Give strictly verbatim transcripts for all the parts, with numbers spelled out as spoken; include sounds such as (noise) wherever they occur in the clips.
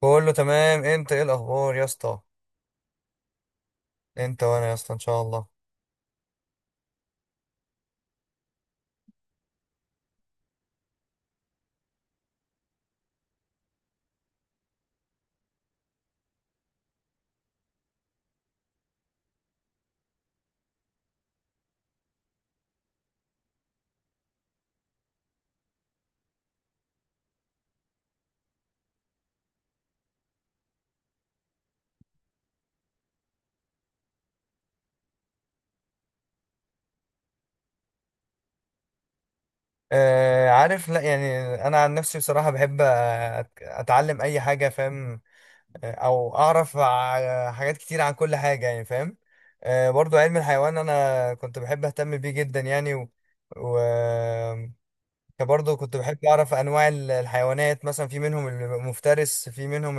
كله تمام، انت ايه الاخبار يا اسطى؟ انت وانا يا اسطى ان شاء الله. آه عارف لا يعني انا عن نفسي بصراحه بحب أت- اتعلم اي حاجه، فاهم؟ آه، او اعرف ع- حاجات كتير عن كل حاجه يعني، فاهم؟ آه، برضو علم الحيوان انا كنت بحب اهتم بيه جدا يعني، و, و... برضه كنت بحب اعرف انواع ال- الحيوانات، مثلا في منهم المفترس، في منهم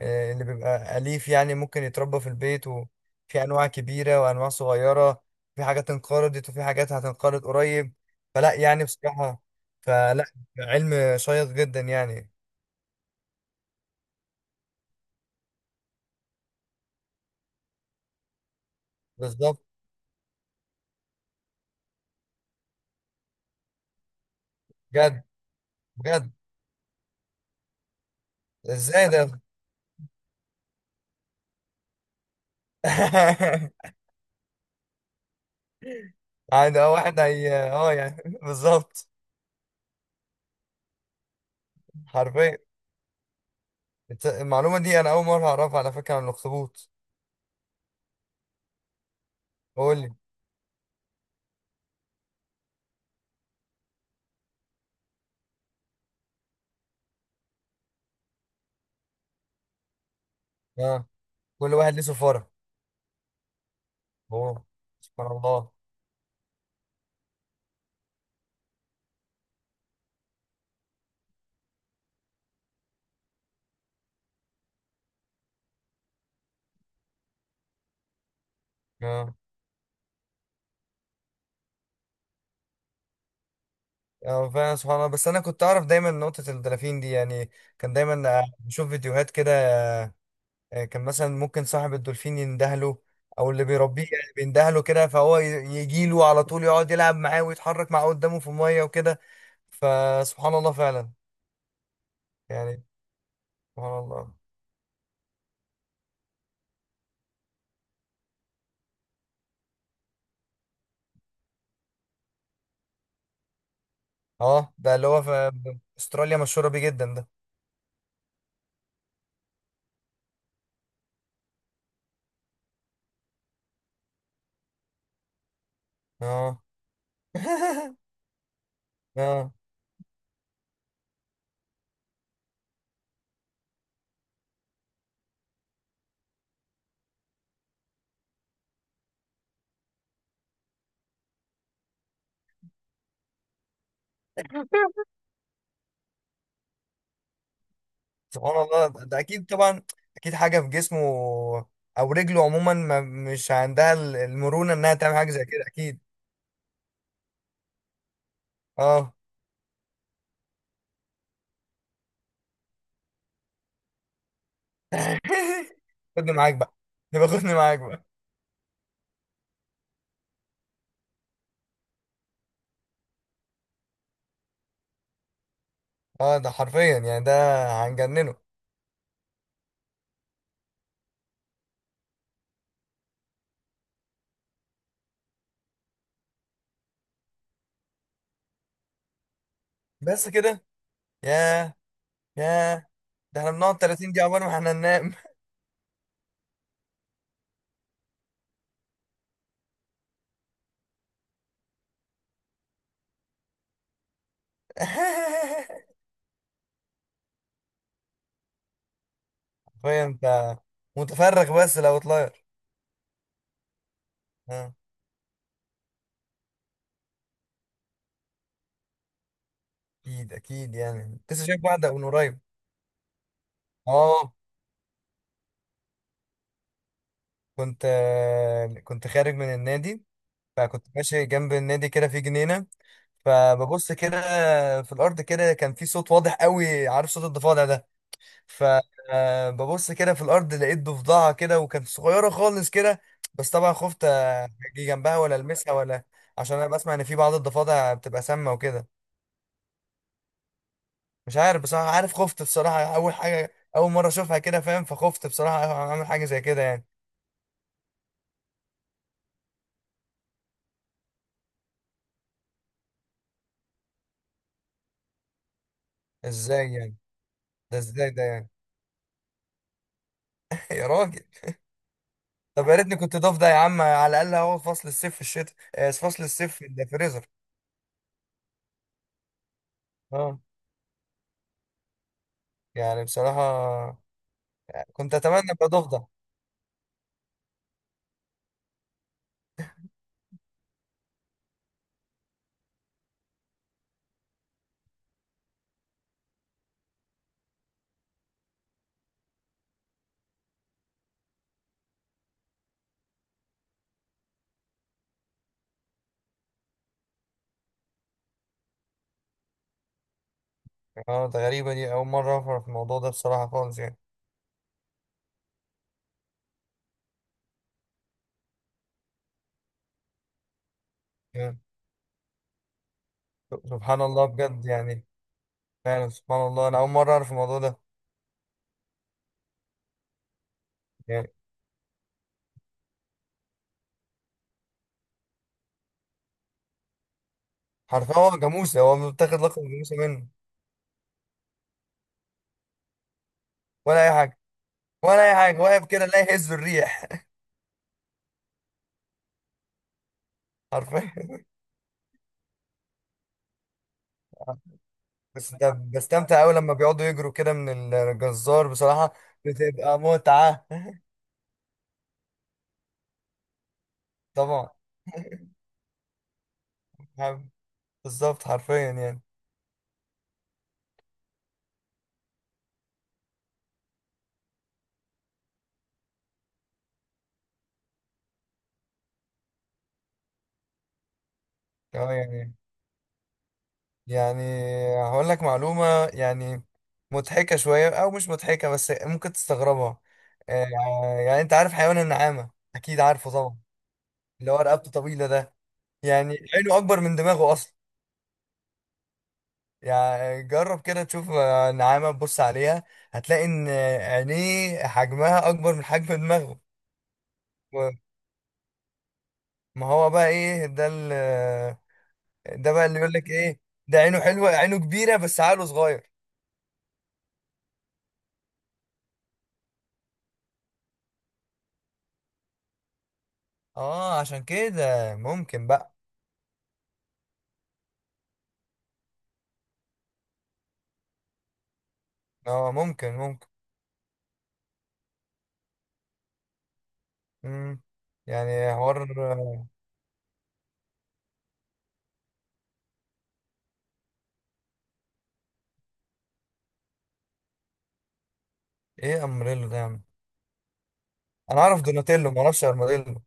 آه، اللي بيبقى أليف يعني ممكن يتربى في البيت، وفي أنواع كبيرة وأنواع صغيرة. في حاجات انقرضت، وفي حاجات هتنقرض قريب. فلا يعني بصراحة، فلا، علم شيق جدا يعني. بالظبط. بجد؟ بجد؟ ازاي ده؟ (laughs) عادي، اه، واحد هي اه يعني. (laughs) بالظبط. حرفيا. الت- المعلومة دي أنا أول مرة أعرفها على فكرة، عن الأخطبوط. قول لي. اه. كل واحد ليه سفارة؟ اوه. سبحان الله. اه. اه، فعلا سبحان الله. بس انا كنت اعرف دايما نقطة الدلافين دي يعني. كان دايما آه، بشوف فيديوهات كده. آه، كان مثلا ممكن صاحب الدولفين يندهله، او اللي بيربيه يعني بيندهله كده، فهو يجي له على طول، يقعد يلعب معاه ويتحرك معاه قدامه في المية وكده. فسبحان الله فعلا يعني. سبحان الله. اه، ده اللي هو في استراليا، مشهورة بيه جدا ده. اه. (laughs) اه. سبحان الله، ده اكيد طبعا. اكيد حاجه في جسمه او رجله عموما، ما مش عندها ال- المرونه انها تعمل حاجه زي كده اكيد. اه. (laughs) خدني معاك بقى. يبقى خدني معاك بقى. اه ده حرفيا يعني، ده هنجننه. بس كده؟ ياه. ياه. ده احنا بنقعد ثلاثين دقيقه عقبال ما احنا ننام. (laughs) حرفيا انت متفرغ بس لو طلاير. اه. اكيد اكيد، يعني لسه شايف واحده من قريب. اه. كنت كنت خارج من النادي. فكنت ماشي جنب النادي كده، في جنينة. فببص كده في الأرض، كده كان في صوت واضح قوي، عارف صوت الضفادع ده. فببص كده في الأرض، لقيت ضفدعة كده، وكانت صغيرة خالص كده. بس طبعا خفت أجي جنبها ولا ألمسها ولا. عشان أنا بسمع إن في بعض الضفادع بتبقى سامة وكده. مش عارف بصراحة، عارف خفت بصراحة، أول حاجة أول مرة أشوفها كده، فاهم؟ فخفت بصراحة أعمل حاجة زي كده يعني. إزاي يعني؟ ده إزاي ده يعني؟ (laughs) يا راجل. طب يا ريتني كنت ضاف ده يا عم، على الاقل اهو فصل الصيف في الشتاء، آه، فصل الصيف في الفريزر. اه. يعني بصراحه كنت اتمنى ابقى ضاف ده. اه، ده غريبه دي، اول مره اعرف الموضوع ده بصراحه خالص يعني. آه. سبحان الله بجد يعني. فعلا سبحان الله، انا اول مره اعرف الموضوع ده. يعني حرفيا هو جاموسه، هو متاخد لقب جاموسه منه. ولا اي حاجه. ولا اي حاجه، واقف كده لا يهز الريح. (laughs) حرفيا. بس ده بستمتع قوي لما بيقعدوا يجروا كده من الجزار بصراحه. بتبقى متعه. (laughs) طبعا. بالظبط حرفيا يعني. اه يعني، يعني هقول لك معلومة، يعني مضحكة شوية أو مش مضحكة، بس ممكن تستغربها. آه. يعني أنت عارف حيوان النعامة، أكيد عارفه طبعا، اللي هو رقبته طويلة ده. يعني عينه أكبر من دماغه أصلا. يعني جرب كده تشوف آه، نعامة تبص عليها، هتلاقي إن عينيه حجمها أكبر من حجم دماغه. و- ما هو بقى إيه ده ال- ده بقى اللي يقول لك إيه. ده عينه حلوة، عينه كبيرة بس عقله صغير. اه عشان كده ممكن بقى. اه ممكن ممكن. مم. يعني حوار. ايه امريلو ده يا عم؟ انا اعرف دوناتيلو، ما اعرفش ارماديلو.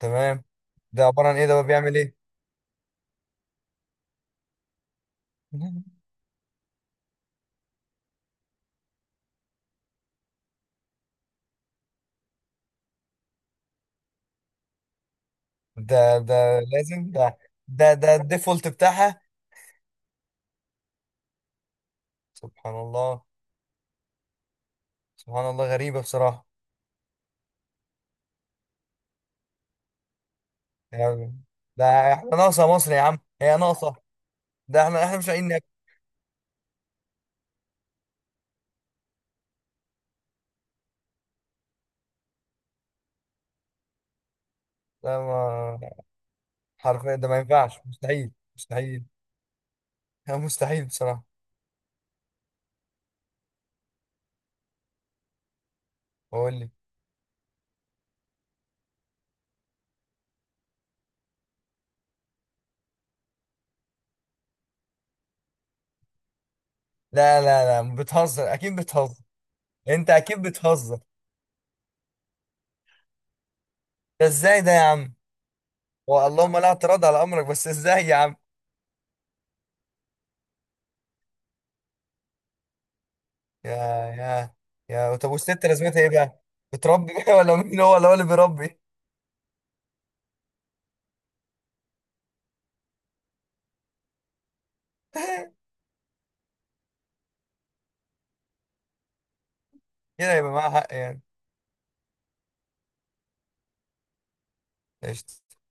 تمام. ده عباره عن ايه ده بقى؟ بيعمل ايه؟ (laughs) ده ده لازم ده؟ ده ده الديفولت بتاعها؟ سبحان الله. سبحان الله، غريبه بصراحه. يعني ده احنا ناقصه مصر يا عم، هي ناقصه؟ ده احنا احنا مش لاقيين ناكل. ده ما، حرفيا ده ما ينفعش، مستحيل مستحيل. (laughs) مستحيل بصراحه. بقول لك، لا لا لا، بتهزر اكيد، بتهزر. انت اكيد بتهزر. ده ازاي ده يا عم؟ هو اللهم لا اعتراض على امرك، بس ازاي يا عم؟ يا، يا، يا طب والست لازمتها ايه بقى؟ بتربي (laughs) بقى، ولا مين هو اللي، هو اللي بيربي؟ (laughs) كده يبقى معاها حق يعني. قشطة.